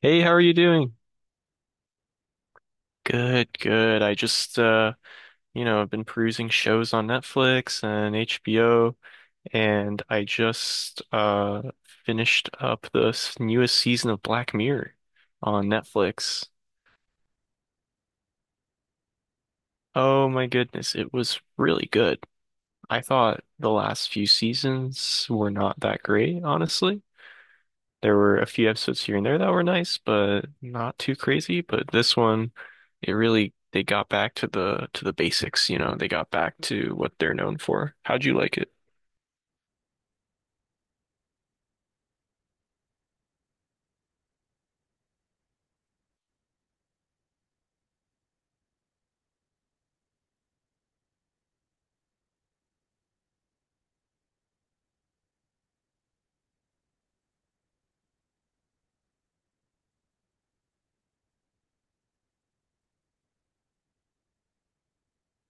Hey, how are you doing? Good, good. I just you know, I've been perusing shows on Netflix and HBO, and I just finished up the newest season of Black Mirror on Netflix. Oh my goodness, it was really good. I thought the last few seasons were not that great, honestly. There were a few episodes here and there that were nice, but not too crazy. But this one, it really they got back to the basics, you know, they got back to what they're known for. How'd you like it?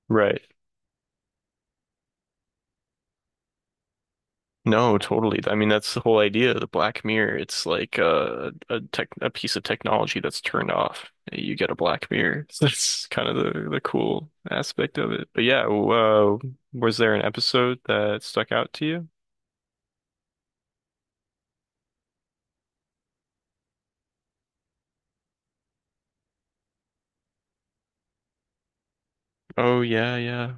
Right. No, totally. I mean, that's the whole idea of The Black Mirror. It's like a piece of technology that's turned off. You get a Black Mirror. So that's kind of the cool aspect of it. But yeah, was there an episode that stuck out to you? Oh yeah, yeah.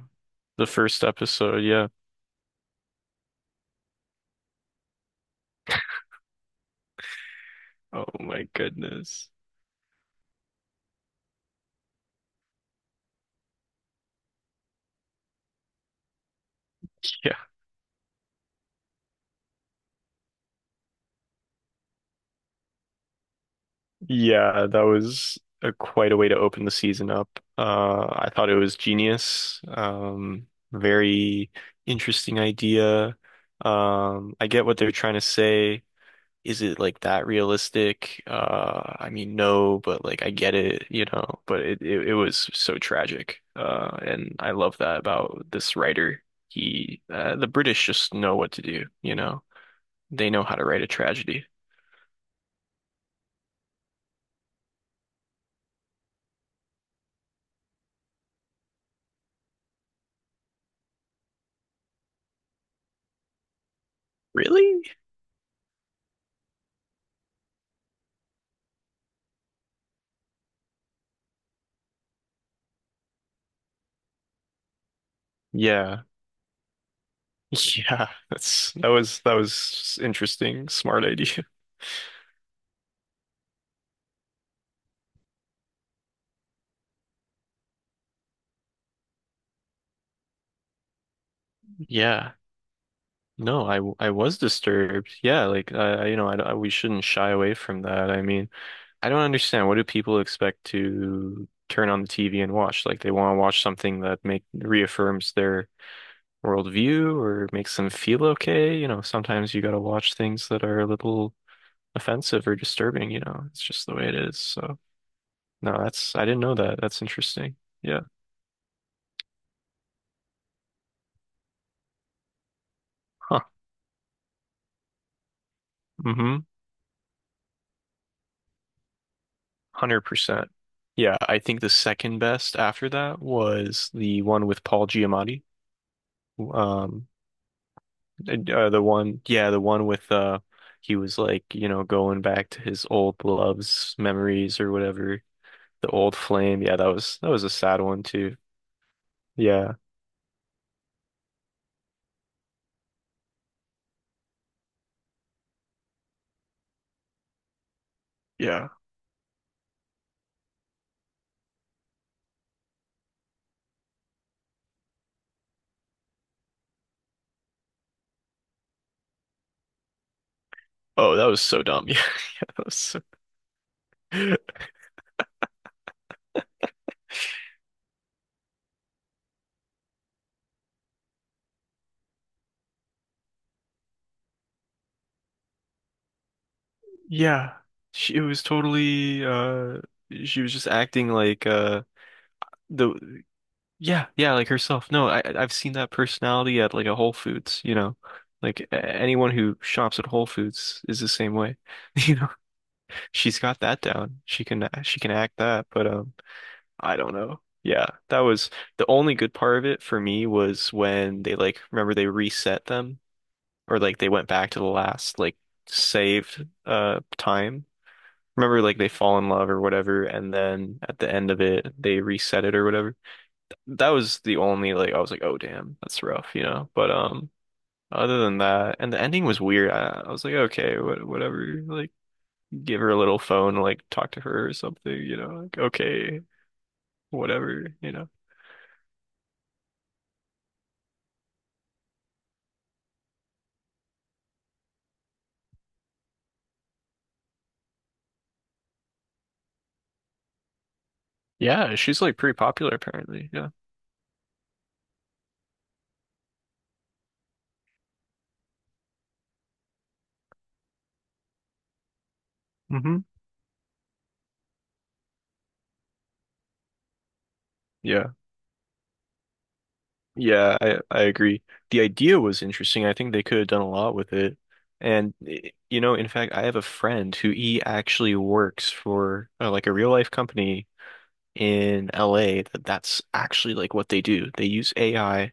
The first episode, yeah. Oh my goodness. Yeah. Yeah, that was a, quite a way to open the season up. I thought it was genius. Very interesting idea. I get what they're trying to say. Is it like that realistic? I mean, no, but like I get it, you know, but it was so tragic. And I love that about this writer. He, the British just know what to do, you know, they know how to write a tragedy. Really? Yeah. Yeah, that was interesting, smart idea. Yeah. No, I was disturbed. Yeah, like you know, we shouldn't shy away from that. I mean, I don't understand. What do people expect to turn on the TV and watch? Like they want to watch something that make reaffirms their worldview or makes them feel okay. You know, sometimes you gotta watch things that are a little offensive or disturbing, you know. It's just the way it is. So no, that's I didn't know that. That's interesting. Yeah. Huh. Mm-hmm. 100%. Yeah, I think the second best after that was the one with Paul Giamatti. Um the one yeah, the one with he was like, you know, going back to his old loves, memories or whatever. The old flame. Yeah, that was a sad one too. Yeah. Yeah. Oh, that was so dumb. Yeah. That was so... Yeah. She it was totally she was just acting like the yeah, yeah, like herself. No, I've seen that personality at like a Whole Foods, you know. Like anyone who shops at Whole Foods is the same way. You know, she's got that down. She can act that, but I don't know. Yeah, that was the only good part of it for me was when they like remember they reset them or like they went back to the last like saved time. Remember like they fall in love or whatever and then at the end of it they reset it or whatever. That was the only like I was like, "Oh damn, that's rough," you know. But other than that and the ending was weird. I was like, "Okay, what, whatever. Like give her a little phone, like talk to her or something, you know. Like okay, whatever, you know." Yeah, she's like pretty popular apparently. Yeah. Hmm. Yeah. Yeah, I agree. The idea was interesting. I think they could have done a lot with it. And you know, in fact, I have a friend who he actually works for like a real life company in LA that that's actually like what they do. They use AI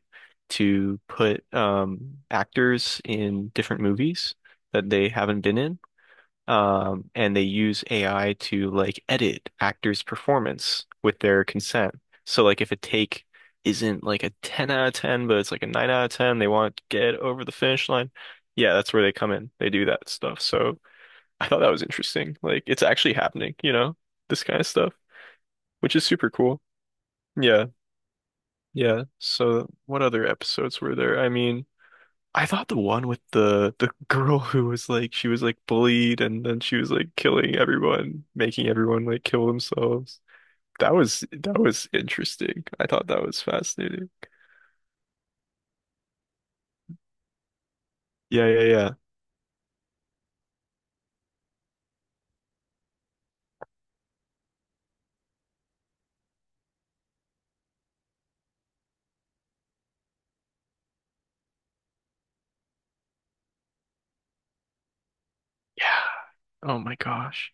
to put actors in different movies that they haven't been in. And they use AI to like edit actors' performance with their consent. So like if a take isn't like a 10 out of 10, but it's like a 9 out of 10, they want to get over the finish line. Yeah, that's where they come in. They do that stuff. So I thought that was interesting. Like it's actually happening, you know, this kind of stuff, which is super cool. Yeah. Yeah. So what other episodes were there? I mean, I thought the one with the girl who was like she was like bullied and then she was like killing everyone, making everyone like kill themselves. That was interesting. I thought that was fascinating. Yeah, yeah, yeah. Yeah. Oh my gosh.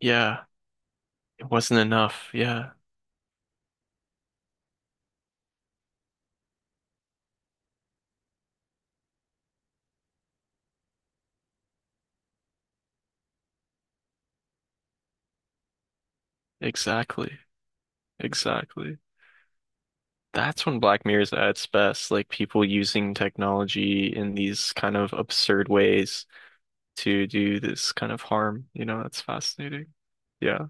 Yeah. It wasn't enough. Yeah. Exactly. Exactly. That's when Black Mirror's at its best, like people using technology in these kind of absurd ways to do this kind of harm. You know, that's fascinating. Yeah.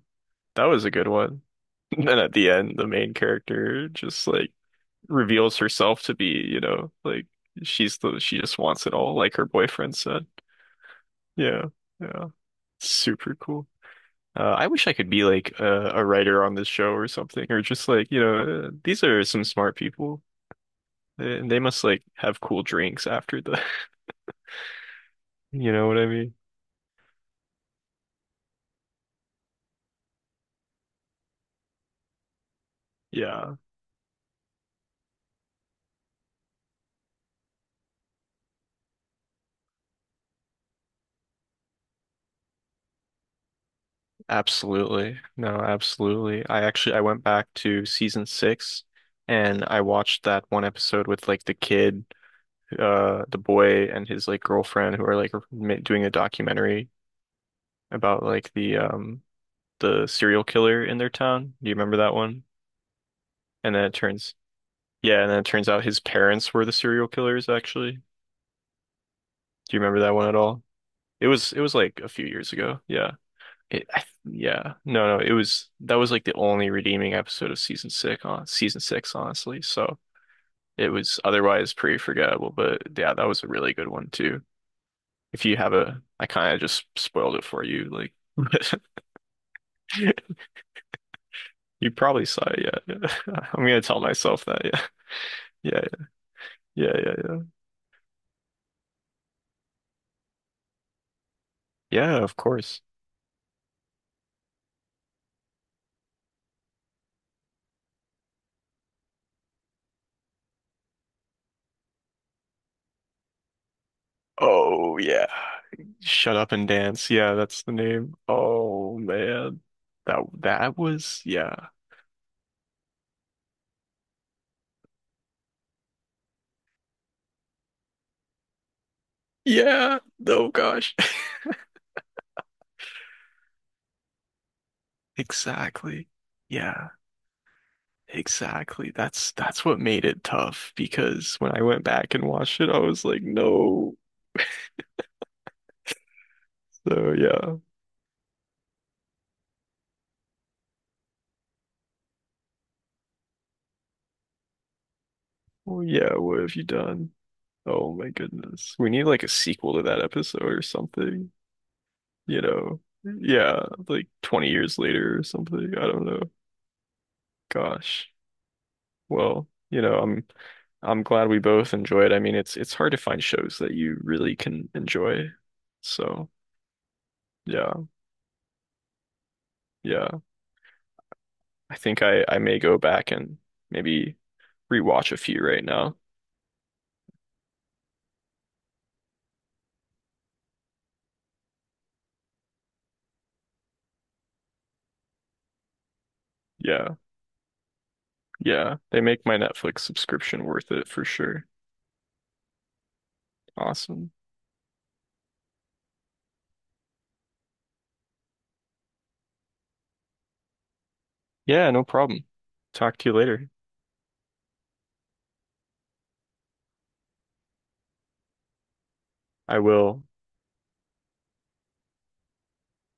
That was a good one. And then at the end, the main character just like reveals herself to be, you know, like she just wants it all, like her boyfriend said. Yeah, yeah, super cool. I wish I could be like a writer on this show or something, or just like, you know, these are some smart people, and they must like have cool drinks after the, you know what I mean? Yeah. Absolutely. No, absolutely. I went back to season six and I watched that one episode with like the kid, the boy and his like girlfriend who are like doing a documentary about like the serial killer in their town. Do you remember that one? And then it turns yeah, and then it turns out his parents were the serial killers actually. Do you remember that one at all? It was like a few years ago. Yeah. It, I yeah, no, no, it was that was like the only redeeming episode of season six on season six, honestly. So it was otherwise pretty forgettable, but yeah, that was a really good one too. If you have I kind of just spoiled it for you, like you probably saw it. Yeah, yeah. I'm gonna tell myself that. Yeah, yeah, yeah, yeah, yeah, yeah. Of course. Oh yeah, Shut Up and Dance. Yeah, that's the name. Oh man, that was yeah. Yeah. Oh gosh. Exactly. Yeah, exactly. That's what made it tough because when I went back and watched it, I was like, no. So yeah. Well, yeah, what have you done? Oh my goodness. We need like a sequel to that episode or something, you know. Yeah, like 20 years later or something. I don't know. Gosh. Well, you know, I'm glad we both enjoyed. I mean, it's hard to find shows that you really can enjoy. So, yeah. Yeah. I think I may go back and maybe rewatch a few right now. Yeah. Yeah. They make my Netflix subscription worth it for sure. Awesome. Yeah, no problem. Talk to you later. I will